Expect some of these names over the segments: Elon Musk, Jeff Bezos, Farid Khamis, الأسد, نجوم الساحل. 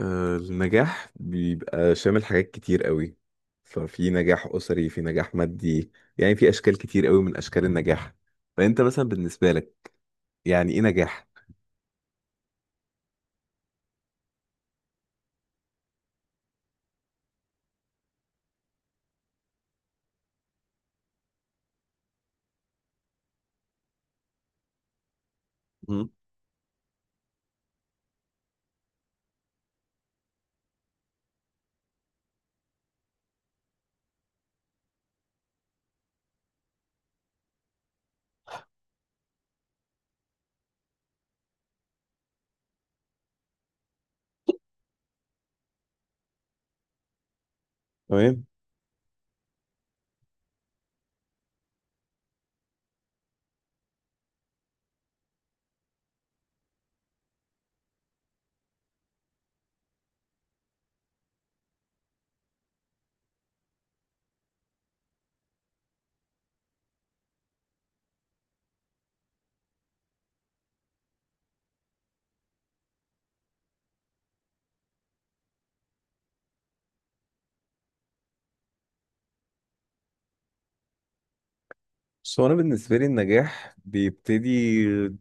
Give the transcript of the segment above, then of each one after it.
النجاح بيبقى شامل حاجات كتير قوي. ففي نجاح أسري، في نجاح مادي. يعني في أشكال كتير قوي من أشكال النجاح. فأنت مثلا بالنسبة لك، يعني إيه نجاح؟ مم. تمام. بس هو أنا بالنسبة لي النجاح بيبتدي،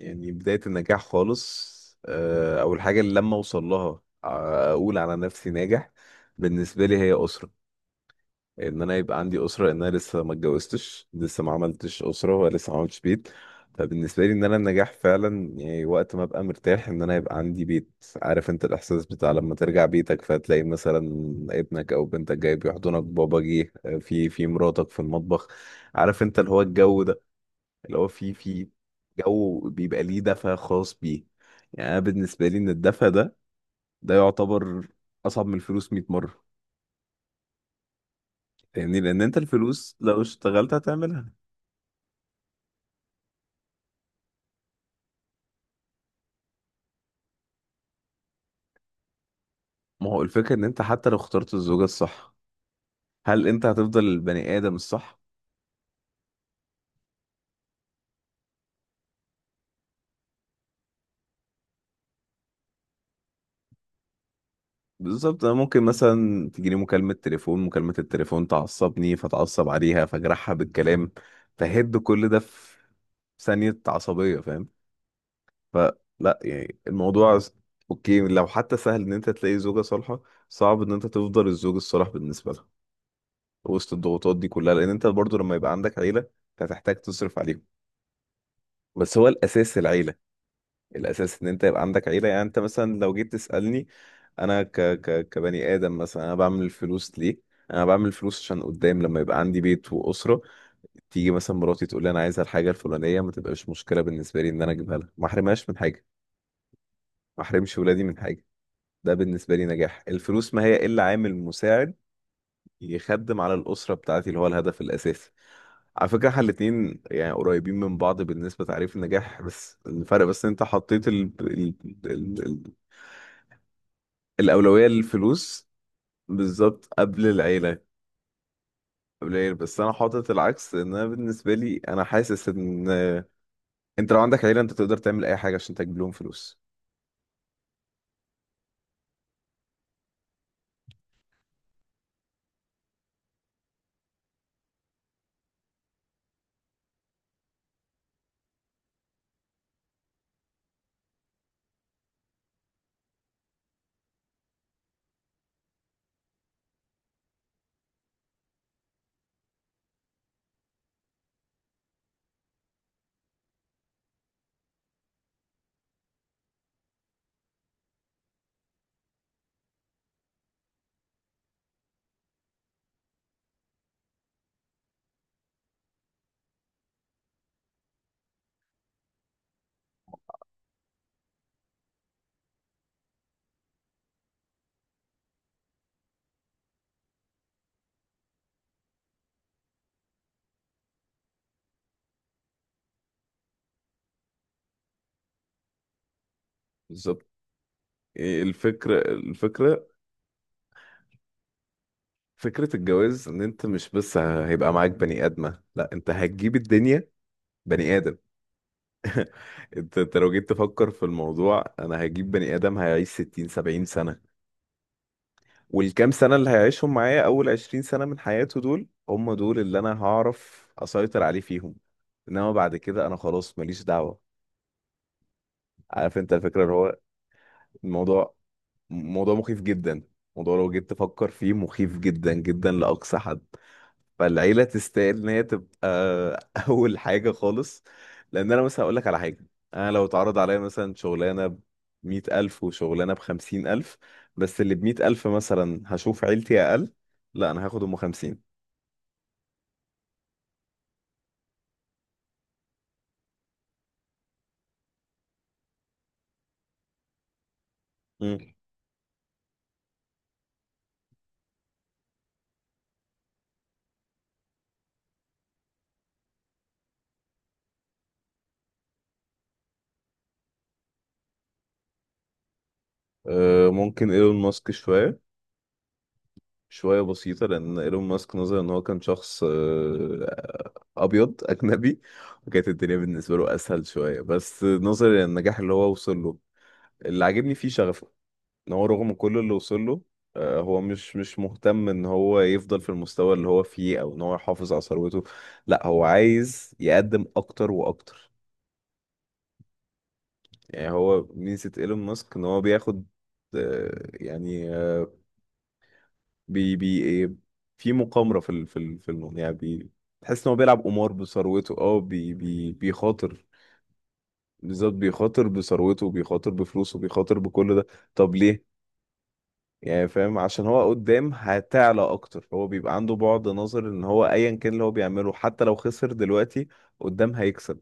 يعني بداية النجاح خالص. أول حاجة اللي لما أوصل لها، أقول على نفسي ناجح، بالنسبة لي هي أسرة. ان انا يبقى عندي اسره، ان انا لسه ما اتجوزتش، لسه ما عملتش اسره ولسه ما عملتش بيت. فبالنسبه لي ان انا النجاح فعلا، يعني وقت ما ابقى مرتاح ان انا يبقى عندي بيت. عارف انت الاحساس بتاع لما ترجع بيتك فتلاقي مثلا ابنك او بنتك جاي بيحضنك، بابا جه، في مراتك في المطبخ. عارف انت اللي هو الجو ده، اللي هو في جو بيبقى ليه دفى خاص بيه. يعني انا بالنسبه لي ان الدفى ده، يعتبر اصعب من الفلوس 100 مره. فاهمني، لان انت الفلوس لو اشتغلت هتعملها. ما هو الفكرة ان انت حتى لو اخترت الزوجة الصح، هل انت هتفضل البني ادم الصح؟ بالظبط. انا ممكن مثلا تجيني مكالمة تليفون، مكالمة التليفون تعصبني، فتعصب عليها فاجرحها بالكلام. فهد كل ده في ثانية عصبية، فاهم؟ فلا يعني الموضوع اوكي، لو حتى سهل ان انت تلاقي زوجة صالحة، صعب ان انت تفضل الزوج الصالح بالنسبة لها وسط الضغوطات دي كلها، لان انت برضو لما يبقى عندك عيلة أنت هتحتاج تصرف عليهم. بس هو الاساس العيلة. الاساس ان انت يبقى عندك عيله. يعني انت مثلا لو جيت تسالني، انا ك ك كبني ادم مثلا، انا بعمل الفلوس ليه؟ انا بعمل الفلوس عشان قدام لما يبقى عندي بيت واسره. تيجي مثلا مراتي تقول لي انا عايزه الحاجه الفلانيه، ما تبقاش مشكله بالنسبه لي ان انا اجيبها لها، ما احرمهاش من حاجه، ما احرمش ولادي من حاجه. ده بالنسبه لي نجاح. الفلوس ما هي الا عامل مساعد يخدم على الاسره بتاعتي اللي هو الهدف الاساسي. على فكره، احنا الاتنين يعني قريبين من بعض بالنسبه لتعريف النجاح، بس الفرق بس إن انت حطيت ال... الأولوية للفلوس، بالظبط قبل العيلة، بس أنا حاطط العكس. إن أنا بالنسبة لي أنا حاسس إن أنت لو عندك عيلة أنت تقدر تعمل أي حاجة عشان تجيب لهم فلوس. بالظبط. إيه الفكرة، فكرة الجواز إن أنت مش بس هيبقى معاك بني آدمة، لا أنت هتجيب الدنيا، بني آدم. أنت لو جيت تفكر في الموضوع، أنا هجيب بني آدم هيعيش 60 70 سنة، والكام سنة اللي هيعيشهم معايا؟ أول 20 سنة من حياته دول هم دول اللي أنا هعرف أسيطر عليه فيهم. إنما بعد كده أنا خلاص ماليش دعوة. عارف أنت الفكرة اللي هو الموضوع، موضوع مخيف جدا. موضوع لو جيت تفكر فيه مخيف جدا جدا لأقصى حد. فالعيلة تستاهل إن هي تبقى أول حاجة خالص. لأن أنا مثلا هقول لك على حاجة. أنا لو اتعرض عليا مثلا شغلانة بـ100 ألف وشغلانة بـ50 ألف، بس اللي بـ100 ألف مثلا هشوف عيلتي أقل، لا انا هاخد 50. مم. ممكن ايلون ماسك شوية، شوية بسيطة، لأن ايلون ماسك نظرا إن هو كان شخص أبيض أجنبي، وكانت الدنيا بالنسبة له أسهل شوية، بس نظرا للنجاح اللي هو وصل له، اللي عاجبني فيه شغفه، إن هو رغم كل اللي وصل له، هو مش مهتم إن هو يفضل في المستوى اللي هو فيه أو إن هو يحافظ على ثروته. لأ هو عايز يقدم أكتر وأكتر. يعني هو ميزة ايلون ماسك إن هو بياخد، يعني آه، بي بي ايه في مقامرة في الموضوع، يعني تحس ان هو بيلعب قمار بثروته. اه بي بي بيخاطر، بالذات بيخاطر بثروته، بيخاطر بفلوسه، بيخاطر بكل ده. طب ليه؟ يعني فاهم، عشان هو قدام هتعلى اكتر. هو بيبقى عنده بعد نظر ان هو ايا كان اللي هو بيعمله، حتى لو خسر دلوقتي قدام هيكسب.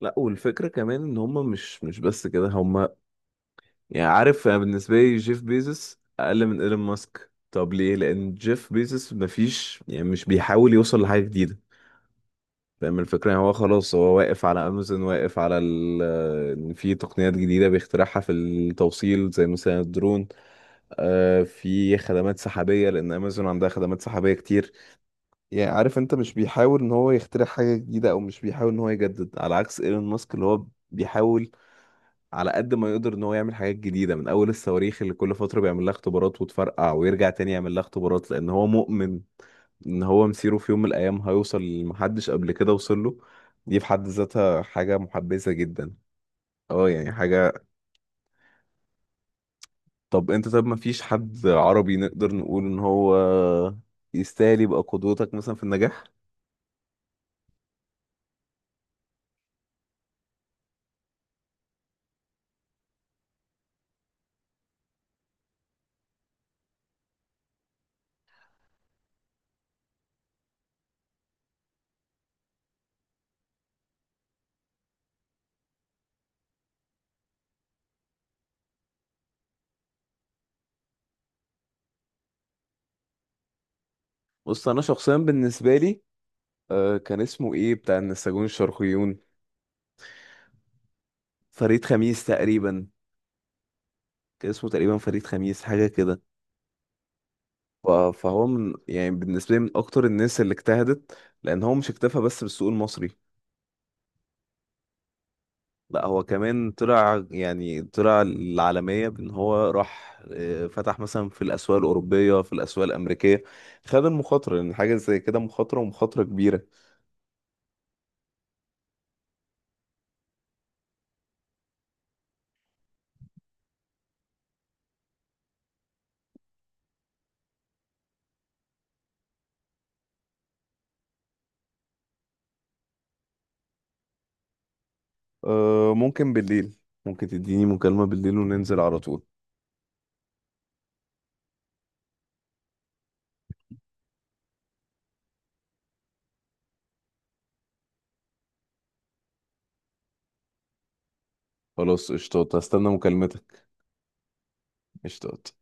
لا، والفكرة كمان ان هم مش بس كده. هم يعني عارف، أنا بالنسبة لي جيف بيزوس أقل من إيلون ماسك. طب ليه؟ لأن جيف بيزوس مفيش، يعني مش بيحاول يوصل لحاجة جديدة. فاهم الفكرة؟ يعني هو خلاص هو واقف على أمازون، واقف على إن في تقنيات جديدة بيخترعها في التوصيل زي مثلا الدرون. آه في خدمات سحابية لأن أمازون عندها خدمات سحابية كتير. يعني عارف أنت، مش بيحاول إن هو يخترع حاجة جديدة أو مش بيحاول إن هو يجدد، على عكس إيلون ماسك اللي هو بيحاول على قد ما يقدر ان هو يعمل حاجات جديده، من اول الصواريخ اللي كل فتره بيعمل لها اختبارات وتفرقع ويرجع تاني يعمل لها اختبارات، لان هو مؤمن ان هو مسيره في يوم من الايام هيوصل لمحدش قبل كده وصل له. دي في حد ذاتها حاجه محبذه جدا. اه يعني حاجه. طب انت، طب ما فيش حد عربي نقدر نقول ان هو يستاهل يبقى قدوتك مثلا في النجاح؟ بص انا شخصيا بالنسبه لي، كان اسمه ايه بتاع النساجون الشرقيون؟ فريد خميس تقريبا. كان اسمه تقريبا فريد خميس، حاجه كده. فهو من، يعني بالنسبة لي من أكتر الناس اللي اجتهدت، لأن هو مش اكتفى بس بالسوق المصري. لا هو كمان طلع، يعني طلع العالمية بأن هو راح فتح مثلا في الأسواق الأوروبية، في الأسواق الأمريكية. خد المخاطرة، لأن حاجة زي كده مخاطرة ومخاطرة كبيرة. ممكن بالليل. ممكن تديني مكالمة بالليل وننزل على طول. خلاص قشطات، هستنى مكالمتك. قشطات.